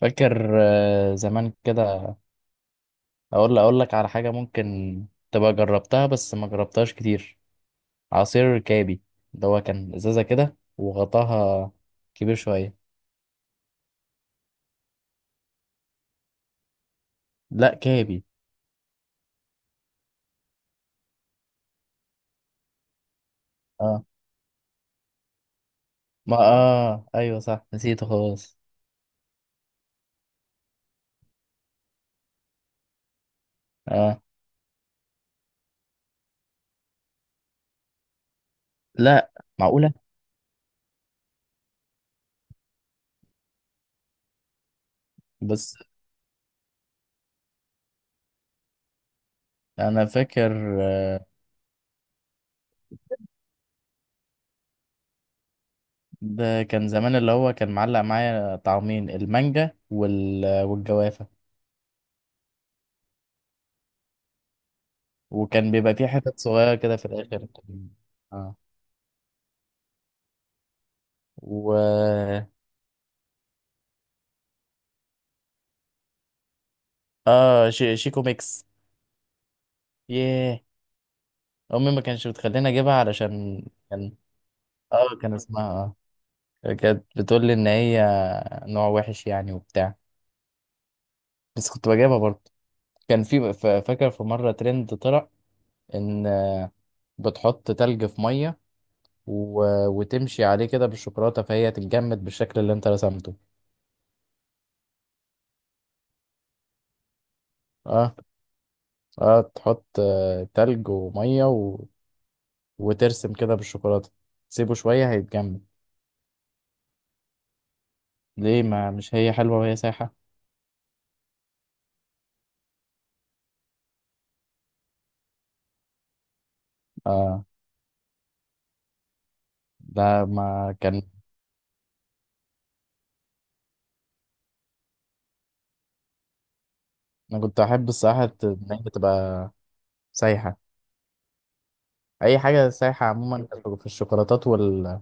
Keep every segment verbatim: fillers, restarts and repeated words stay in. فاكر آه، زمان كده. اقول اقول لك على حاجه ممكن تبقى جربتها، بس ما جربتهاش كتير. عصير كابي ده، هو كان ازازه كده وغطاها كبير شويه. لا كابي. اه. ما اه ايوه صح، نسيته خالص. اه. لا، معقوله؟ بس انا فاكر. آه، ده كان زمان، اللي هو كان معلق معايا طعمين، المانجا وال... والجوافه، وكان بيبقى فيه حتت صغيره كده في الاخر. آه. و. اه شي... شيكو ميكس. ياه. امي ما كانش بتخليني اجيبها، علشان كان، اه كان اسمها، اه كانت بتقول لي ان هي نوع وحش يعني وبتاع. بس كنت بجيبها برضه. كان في، ف- فاكر في مره ترند طلع ان، آه، بتحط تلج في ميه و... وتمشي عليه كده بالشوكولاته، فهي تتجمد بالشكل اللي انت رسمته. اه. اه تحط آه، تلج وميه و... وترسم كده بالشوكولاته، تسيبه شويه هيتجمد. ليه؟ ما مش هي حلوه وهي سايحه. اه. لا ما كان. انا كنت احب الصراحه ت- ان هي تبقى سايحه. اي حاجه سايحه عموما في الشوكولاتات وال...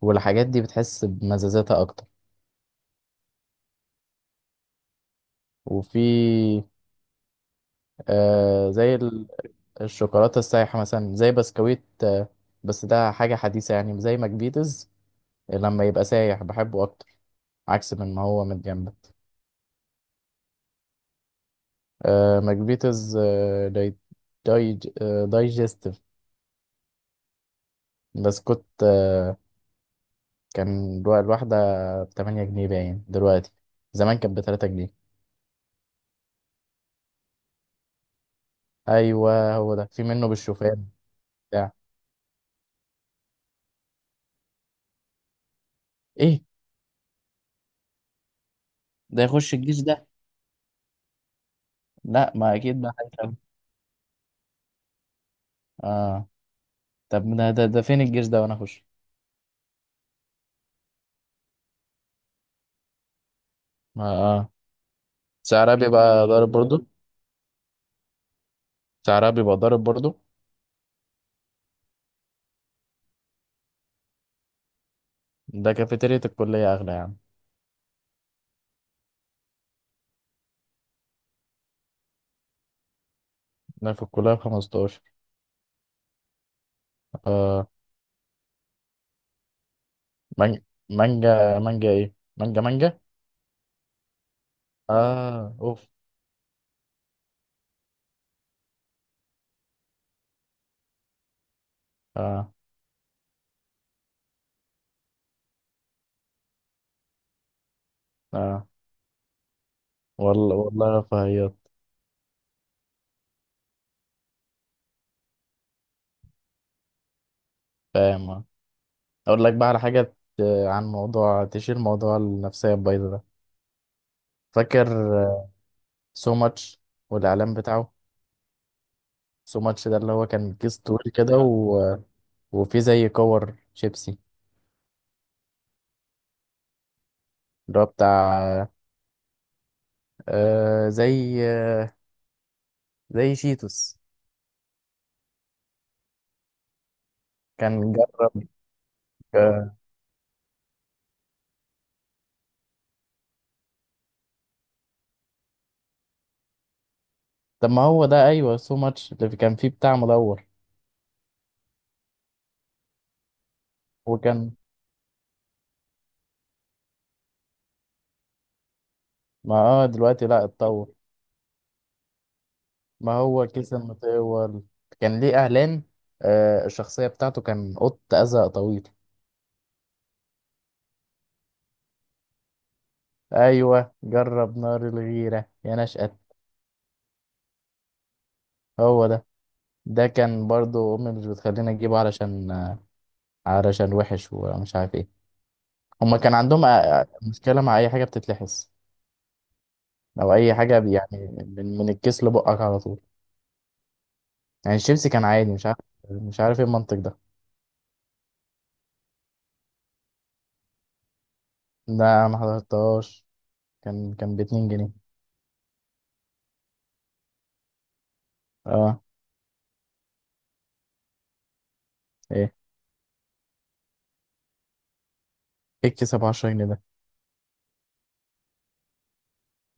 والحاجات دي، بتحس بمزازاتها اكتر. وفي آه زي ال- الشوكولاته السايحه مثلا، زي بسكويت آه. بس ده حاجه حديثه، يعني زي ماكبيتس لما يبقى سايح بحبه اكتر، عكس من ما هو من جنبه. آه ماكبيتس، آه داي... داي... آه دايجستيف. بسكوت آه، كان دو- الواحدة بتمانية جنيه باين دلوقتي، زمان كانت بتلاتة جنيه. أيوه، هو ده، في منه بالشوفان. بتاع. إيه؟ ده يخش الجيش ده؟ لا ما أكيد بقى هيكمل. آه. طب ده ده, ده فين الجيش ده وأنا أخش؟ ما آه سعرها بيبقى ضارب برضو. سعرها بيبقى ضارب برضو. ده كافيتيريا الكلية أغلى يعني. ده في الكلية بخمستاشر. آه. مانجا مانجا مانجا إيه؟ مانجا مانجا. آه أوف. آه. آه. والله والله رفاهيات. فاهم. آه. اقول لك بقى على حاجه. آه، عن موضوع، تشير موضوع النفسيه البايظه ده. فاكر سو ماتش والاعلان بتاعه؟ سو ماتش ده اللي هو كان كيس طويل كده و... وفي زي كور شيبسي، اللي هو بتاع آه زي زي شيتوس. كان جرب. آه، طب ما هو ده، ايوه، سو ماتش اللي كان فيه بتاع مدور. وكان، ما اه دلوقتي لا اتطور. ما هو كيس المطول، كان ليه اعلان. آه الشخصيه بتاعته كان قط ازرق طويل. ايوه جرب نار الغيره يا نشأت. هو ده. ده كان برضو امي مش بتخلينا نجيبه، علشان علشان وحش ومش عارف ايه. هما كان عندهم، آه، مشكله مع اي حاجه بتتلحس، او اي حاجه بي- يعني، من من الكيس لبقك على طول. يعني الشيبسي كان عادي، مش عارف. مش عارف ايه المنطق ده. ده ما حضرتهاش. كان كان باتنين جنيه. اه. ايه؟ ايه الكيس ب عشرة جنيه ده؟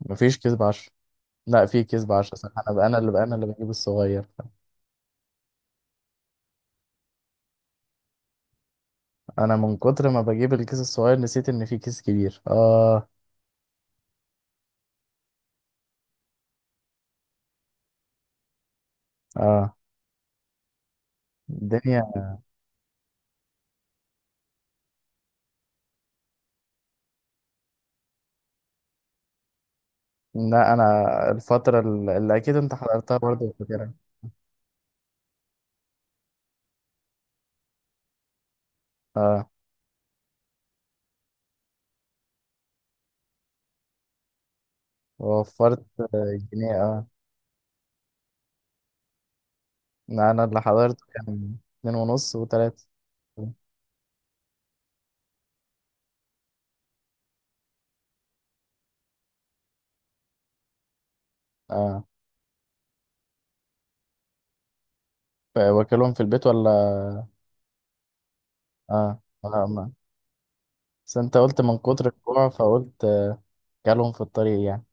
مفيش كيس ب عشرة. لا في كيس ب عشرة، صح. انا بقى انا اللي بقى انا اللي بجيب الصغير. انا من كتر ما بجيب الكيس الصغير، نسيت ان في كيس كبير. اه. اه الدنيا. لا انا، الفترة ال- اللي اكيد انت حضرتها برضه فاكرها. اه. وفرت آه، جنيه. اه. لا، انا اللي حضرته كان اتنين ونص وتلاتة. اه. ف- واكلهم في البيت ولا؟ اه. اه. ما. بس انت قلت من كتر الجوع، فقلت آه، كلهم في الطريق يعني.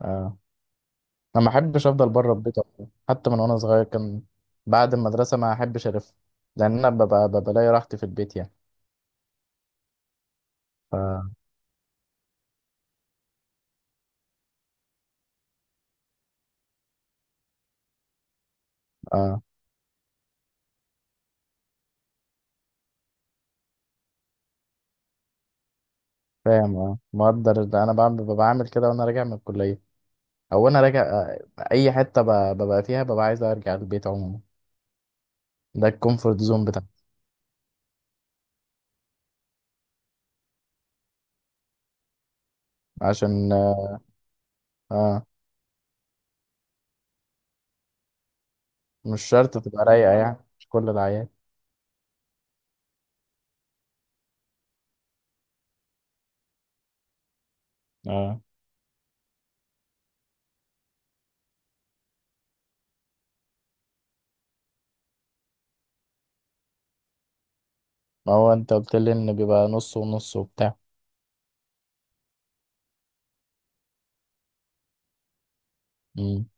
اه. انا ما احبش افضل بره البيت أصلاً. حتى من وانا صغير، كان بعد المدرسه ما احبش الف، لان انا ببقى ببقى لاقي راحتي في البيت يعني. ف. اه. فاهم. اه مقدر. ده انا بعمل، ببقى بعمل كده وانا راجع من الكليه، او انا راجع آه، اي حته ب- ببقى فيها، ببقى عايز ارجع البيت عموما. ده الكومفورت زون بتاعي. عشان. اه. آه، مش شرط تبقى رايقه يعني، مش كل العيال. اه، ما هو انت قلت لي ان بيبقى نص ونص وبتاع. امم.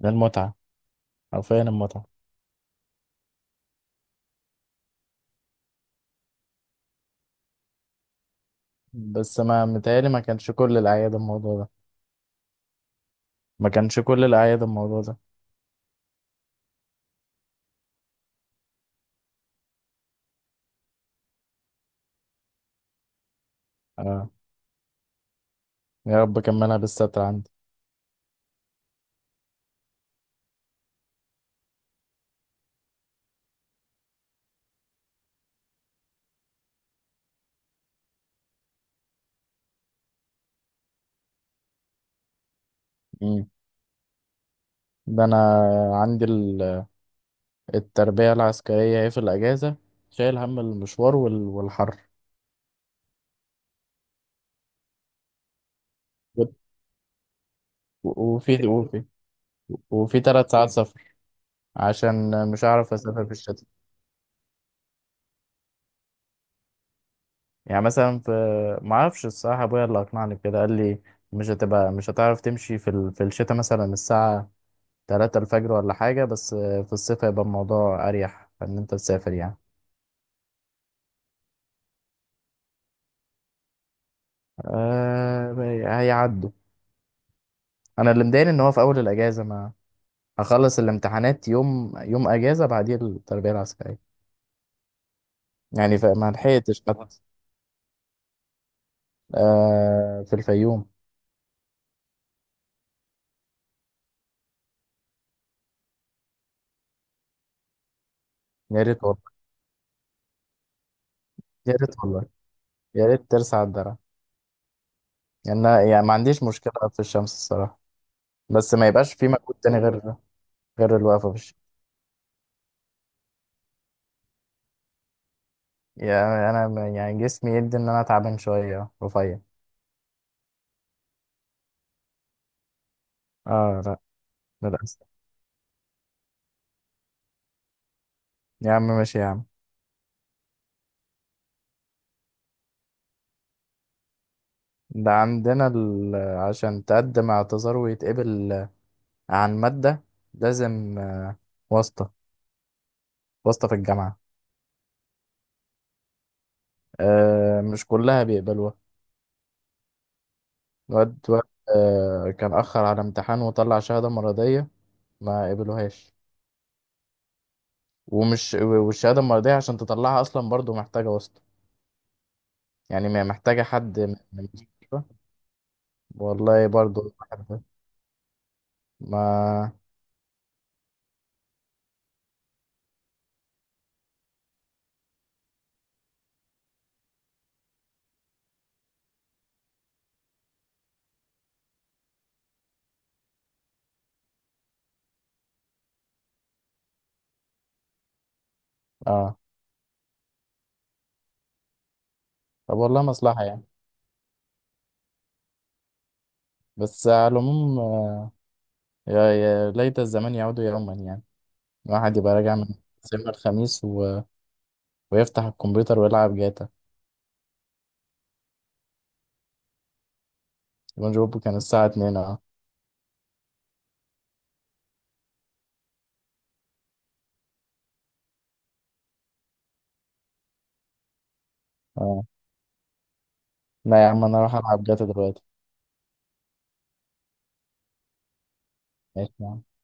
ده المتعه. حرفيا المتعه. بس ما متهيألي ما كانش كل الأعياد الموضوع ده. ما كانش كل الأعياد الموضوع ده. آه. يا رب كملها بالستر عندي. مم. ده أنا، عندي ال- التربية العسكرية هي في الأجازة، شايل هم المشوار وال- والحر، و- وفي وفي وفي تلات ساعات سفر، عشان مش هعرف أسافر في الشتاء. يعني مثلا في. معرفش الصراحة، أبويا اللي أقنعني بكده، قال لي مش هتبقى مش هتعرف تمشي في ال... في الشتاء، مثلا الساعة تلاتة الفجر ولا حاجة. بس في الصيف هيبقى الموضوع أريح، إن أنت تسافر يعني. آه. هيعدوا. انا اللي مضايقني، ان هو في اول الاجازه ما هخلص الامتحانات يوم، يوم اجازه بعديه التربيه العسكريه. يعني فما لحقتش حتى. آه في الفيوم. يا ريت والله. يا ريت والله. يا ريت ترسع الدرع. يعني أنا- يعني ما عنديش مشكله في الشمس الصراحه. بس ما يبقاش في مجهود تاني، غير غير الوقفه في الشمس. يعني انا م- يعني جسمي يدي ان انا تعبان شويه، رفيع. اه. لا للاسف. يا عم ماشي يا عم. ده عندنا ال... عشان تقدم اعتذار ويتقبل عن ماده، لازم واسطة. واسطة في الجامعة. آه مش كلها بيقبلوها. الواد واد. آه كان أخر على امتحان، وطلع شهادة مرضية، ما قبلوهاش. ومش والشهادة المرضية عشان تطلعها أصلا، برضو محتاجة واسطة. يعني ما- محتاجة حد من من المستشفى. والله برضو عارفة. ما اه طب والله مصلحة يعني. بس على العموم آه، يا يا ليت الزمان يعود يوما يعني. الواحد يبقى راجع من سينما الخميس و... ويفتح الكمبيوتر ويلعب جاتا. يبقى جوبه كان الساعة اتنين. اه. آه. لا يا عم، انا اروح العب جاتا دلوقتي. ماشي يا عم.